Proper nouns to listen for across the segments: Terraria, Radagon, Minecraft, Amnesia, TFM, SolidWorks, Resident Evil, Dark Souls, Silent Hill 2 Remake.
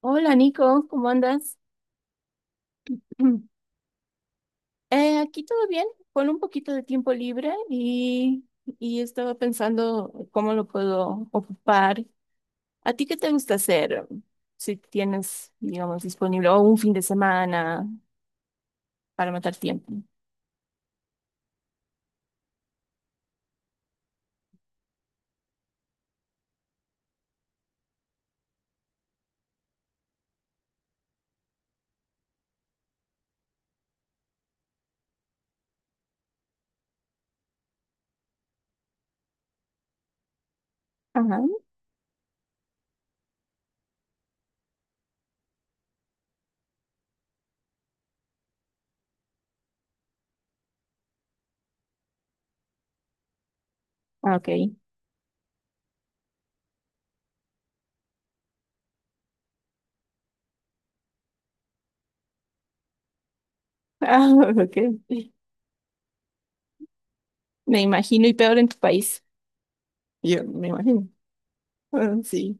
Hola Nico, ¿cómo andas? Aquí todo bien, con un poquito de tiempo libre y estaba pensando cómo lo puedo ocupar. ¿A ti qué te gusta hacer? Si tienes, digamos, disponible o un fin de semana para matar tiempo. Ajá. Ah, ok. Ah, ok. Me imagino, y peor en tu país. Yo me imagino. Ah, sí.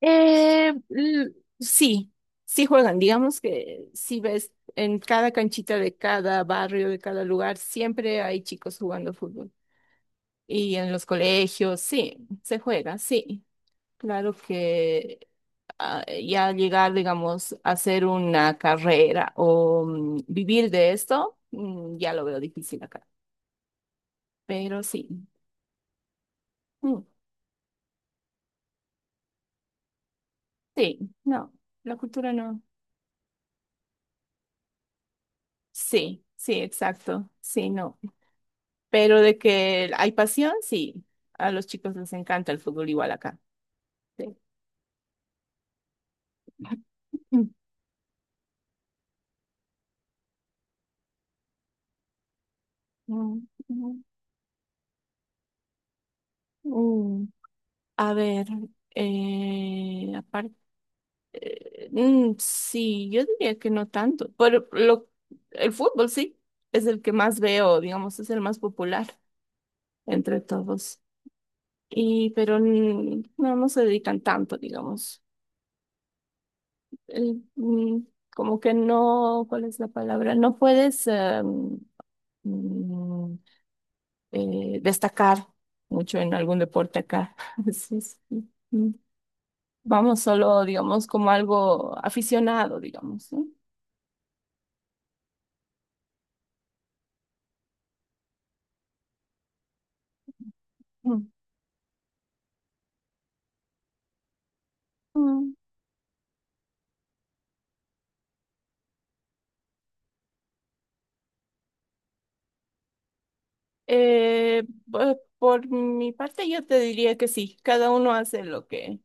Eh, l- sí, sí juegan. Digamos que si ves en cada canchita de cada barrio, de cada lugar, siempre hay chicos jugando fútbol. Y en los colegios, sí, se juega, sí. Claro que ya llegar, digamos, a hacer una carrera o vivir de esto, ya lo veo difícil acá. Pero sí, mm, sí, no, la cultura no. Sí, sí, exacto, sí, no. Pero de que hay pasión, sí. A los chicos les encanta el fútbol igual acá. Sí. Mm, mm, mm, mm. A ver, aparte, sí, yo diría que no tanto, el fútbol sí, es el que más veo, digamos, es el más popular entre todos. Y, pero no, no se dedican tanto, digamos. El, mm, Como que no, ¿cuál es la palabra? No puedes... mm, destacar mucho en algún deporte acá. Sí, sí. Mm. Vamos solo, digamos, como algo aficionado, digamos, ¿no? Mm. Mm. Por mi parte, yo te diría que sí, cada uno hace lo que,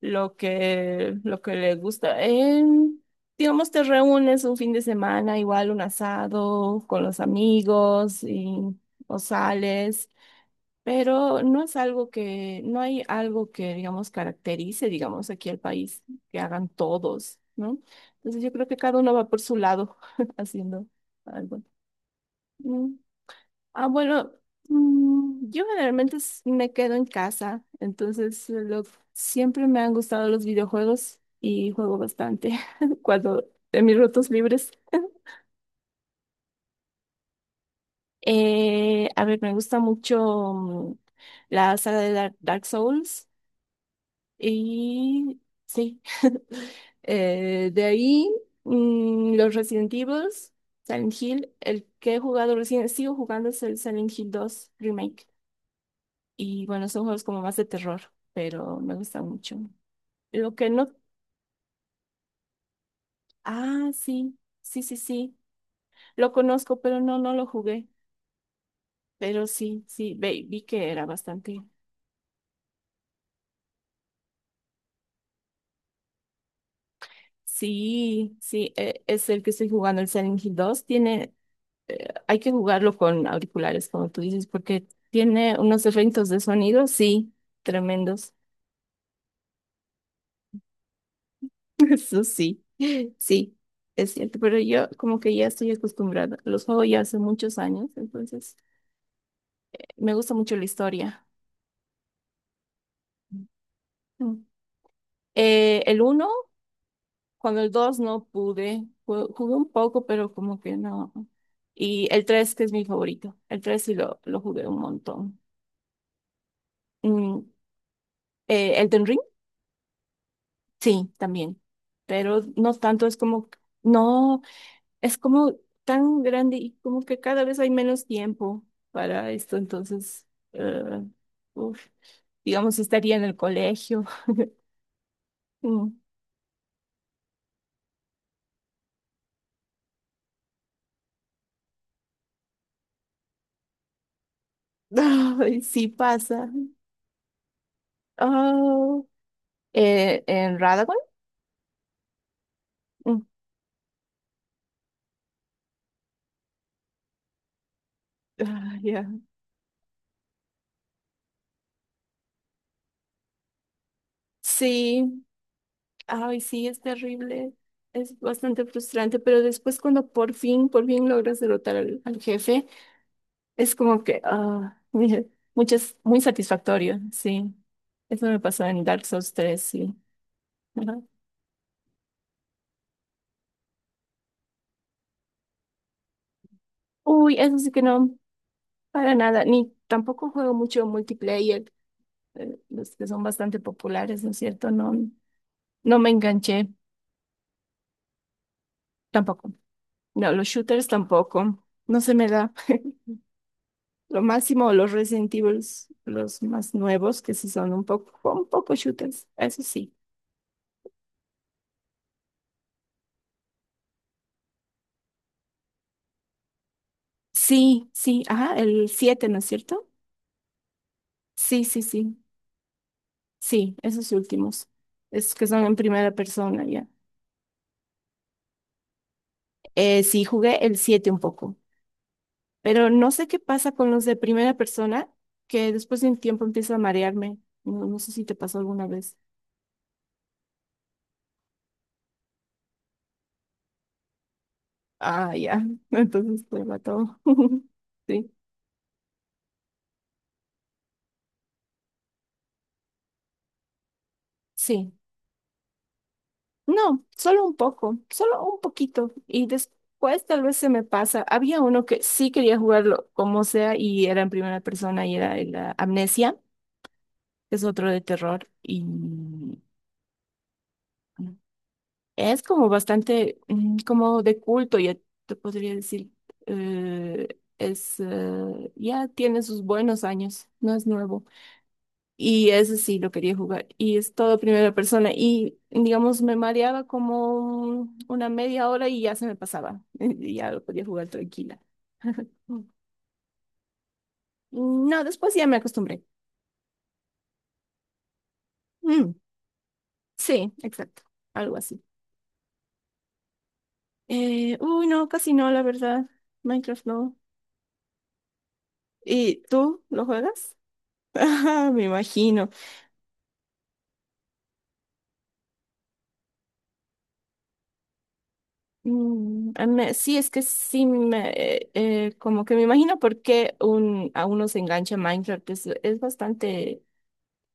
lo que, lo que le gusta. Digamos, te reúnes un fin de semana, igual un asado con los amigos o sales. Pero no es algo que, no hay algo que, digamos, caracterice, digamos, aquí al país, que hagan todos, ¿no? Entonces yo creo que cada uno va por su lado haciendo algo. Mm. Ah, bueno, yo generalmente me quedo en casa, entonces siempre me han gustado los videojuegos y juego bastante cuando en mis ratos libres. A ver, me gusta mucho la saga de Dark Souls. Y sí. De ahí los Resident Evil, Silent Hill, el que he jugado recién, sigo jugando, es el Silent Hill dos Remake. Y bueno, son juegos como más de terror, pero me gustan mucho. Lo que no... Ah, sí, sí, sí, sí, lo conozco, pero no, no lo jugué. Pero sí, sí, vi que era bastante. Sí, sí, es el que estoy jugando, el Silent Hill dos. Tiene hay que jugarlo con auriculares, como tú dices, porque tiene unos efectos de sonido, sí, tremendos. Eso sí, sí, es cierto, pero yo como que ya estoy acostumbrada. Los juego ya hace muchos años, entonces me gusta mucho la historia. Mm. El uno, cuando el dos no pude, jugué un poco, pero como que no. Y el tres, que es mi favorito. El tres sí lo jugué un montón. El Sí, también, pero no tanto, es como, no, es como tan grande y como que cada vez hay menos tiempo para esto, entonces, eh, uf, digamos, estaría en el colegio. Mm. Ay, sí pasa. Oh, ¿en Radagon? Mm. Ah, ya. Sí, ay, sí, es terrible, es bastante frustrante, pero después cuando por fin logras derrotar al jefe. Es como que, ah, mire, muchas, muy satisfactorio, sí. Eso me pasó en Dark Souls tres, sí. Ajá. Uy, eso sí que no, para nada, ni tampoco juego mucho multiplayer, los que son bastante populares, ¿no es cierto? No, no me enganché, tampoco. No, los shooters tampoco, no se me da. Lo máximo, los Resident Evils, los más nuevos, que sí son un poco shooters, eso sí. Sí, sí, ajá, el siete, ¿no es cierto? Sí, sí, sí. Sí, esos últimos. Esos que son en primera persona, ya. Sí, jugué el 7 un poco, pero no sé qué pasa con los de primera persona, que después de un tiempo empieza a marearme. No, no sé si te pasó alguna vez. Ah, ya. Entonces te mató. Sí. Sí. No, solo un poco, solo un poquito. Y después tal vez se me pasa. Había uno que sí quería jugarlo como sea y era en primera persona y era la Amnesia, que es otro de terror y... Bueno, es como bastante como de culto, ya te podría decir. eh, es ya tiene sus buenos años, no es nuevo. Y ese sí lo quería jugar. Y es todo primera persona. Y digamos, me mareaba como una media hora y ya se me pasaba. Y ya lo podía jugar tranquila. No, después ya me acostumbré. Mm, sí, exacto. Algo así. Uy, no, casi no, la verdad. Minecraft no. ¿Y tú lo juegas? Ajá, me imagino. Sí, es que sí, como que me imagino por qué a uno se engancha Minecraft. Es bastante,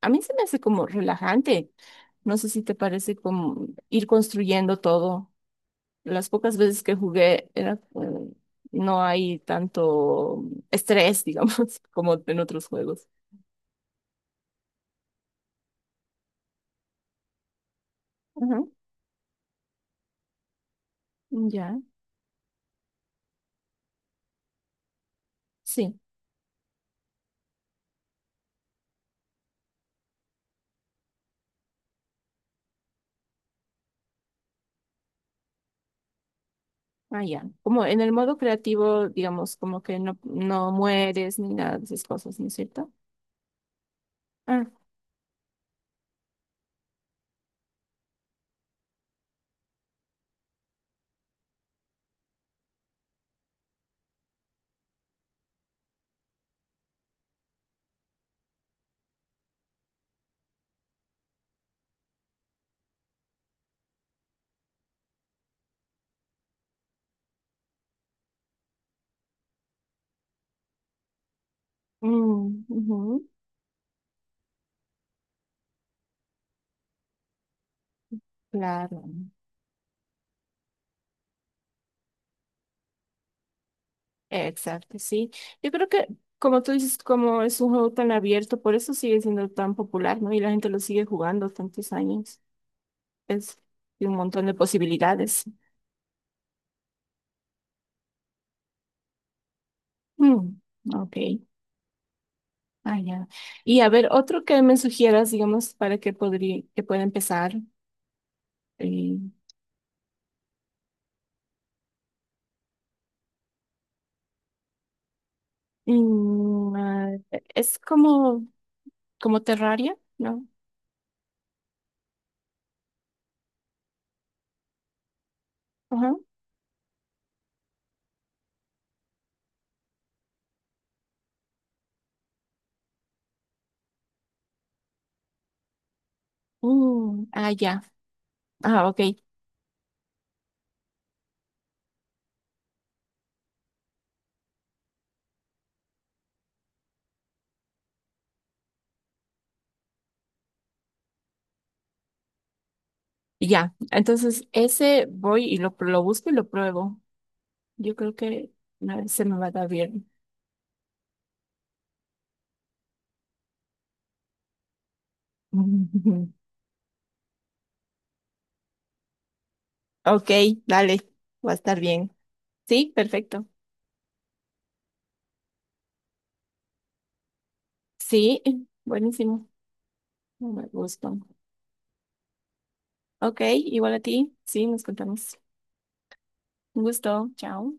a mí se me hace como relajante. No sé si te parece, como ir construyendo todo. Las pocas veces que jugué era, no hay tanto estrés, digamos, como en otros juegos. Ajá. Ya, sí. Ah, ya. Como en el modo creativo, digamos, como que no, no mueres ni nada de esas cosas, ¿no es cierto? Ah, ujú, claro. Exacto, sí. Yo creo que, como tú dices, como es un juego tan abierto, por eso sigue siendo tan popular, ¿no? Y la gente lo sigue jugando tantos años. Es y un montón de posibilidades. Mm, ok. Ah, ya. Y a ver, otro que me sugieras, digamos, para que podría, que pueda empezar. eh, ah, es como como Terraria, ¿no? Ajá. Ah, ya. Ah, ok. Ya. Entonces, ese voy y lo busco y lo pruebo. Yo creo que no, se me va a dar bien. Ok, dale. Va a estar bien. Sí, perfecto. Sí, buenísimo. Me gusta. Ok, igual a ti. Sí, nos contamos. Un gusto. Chao.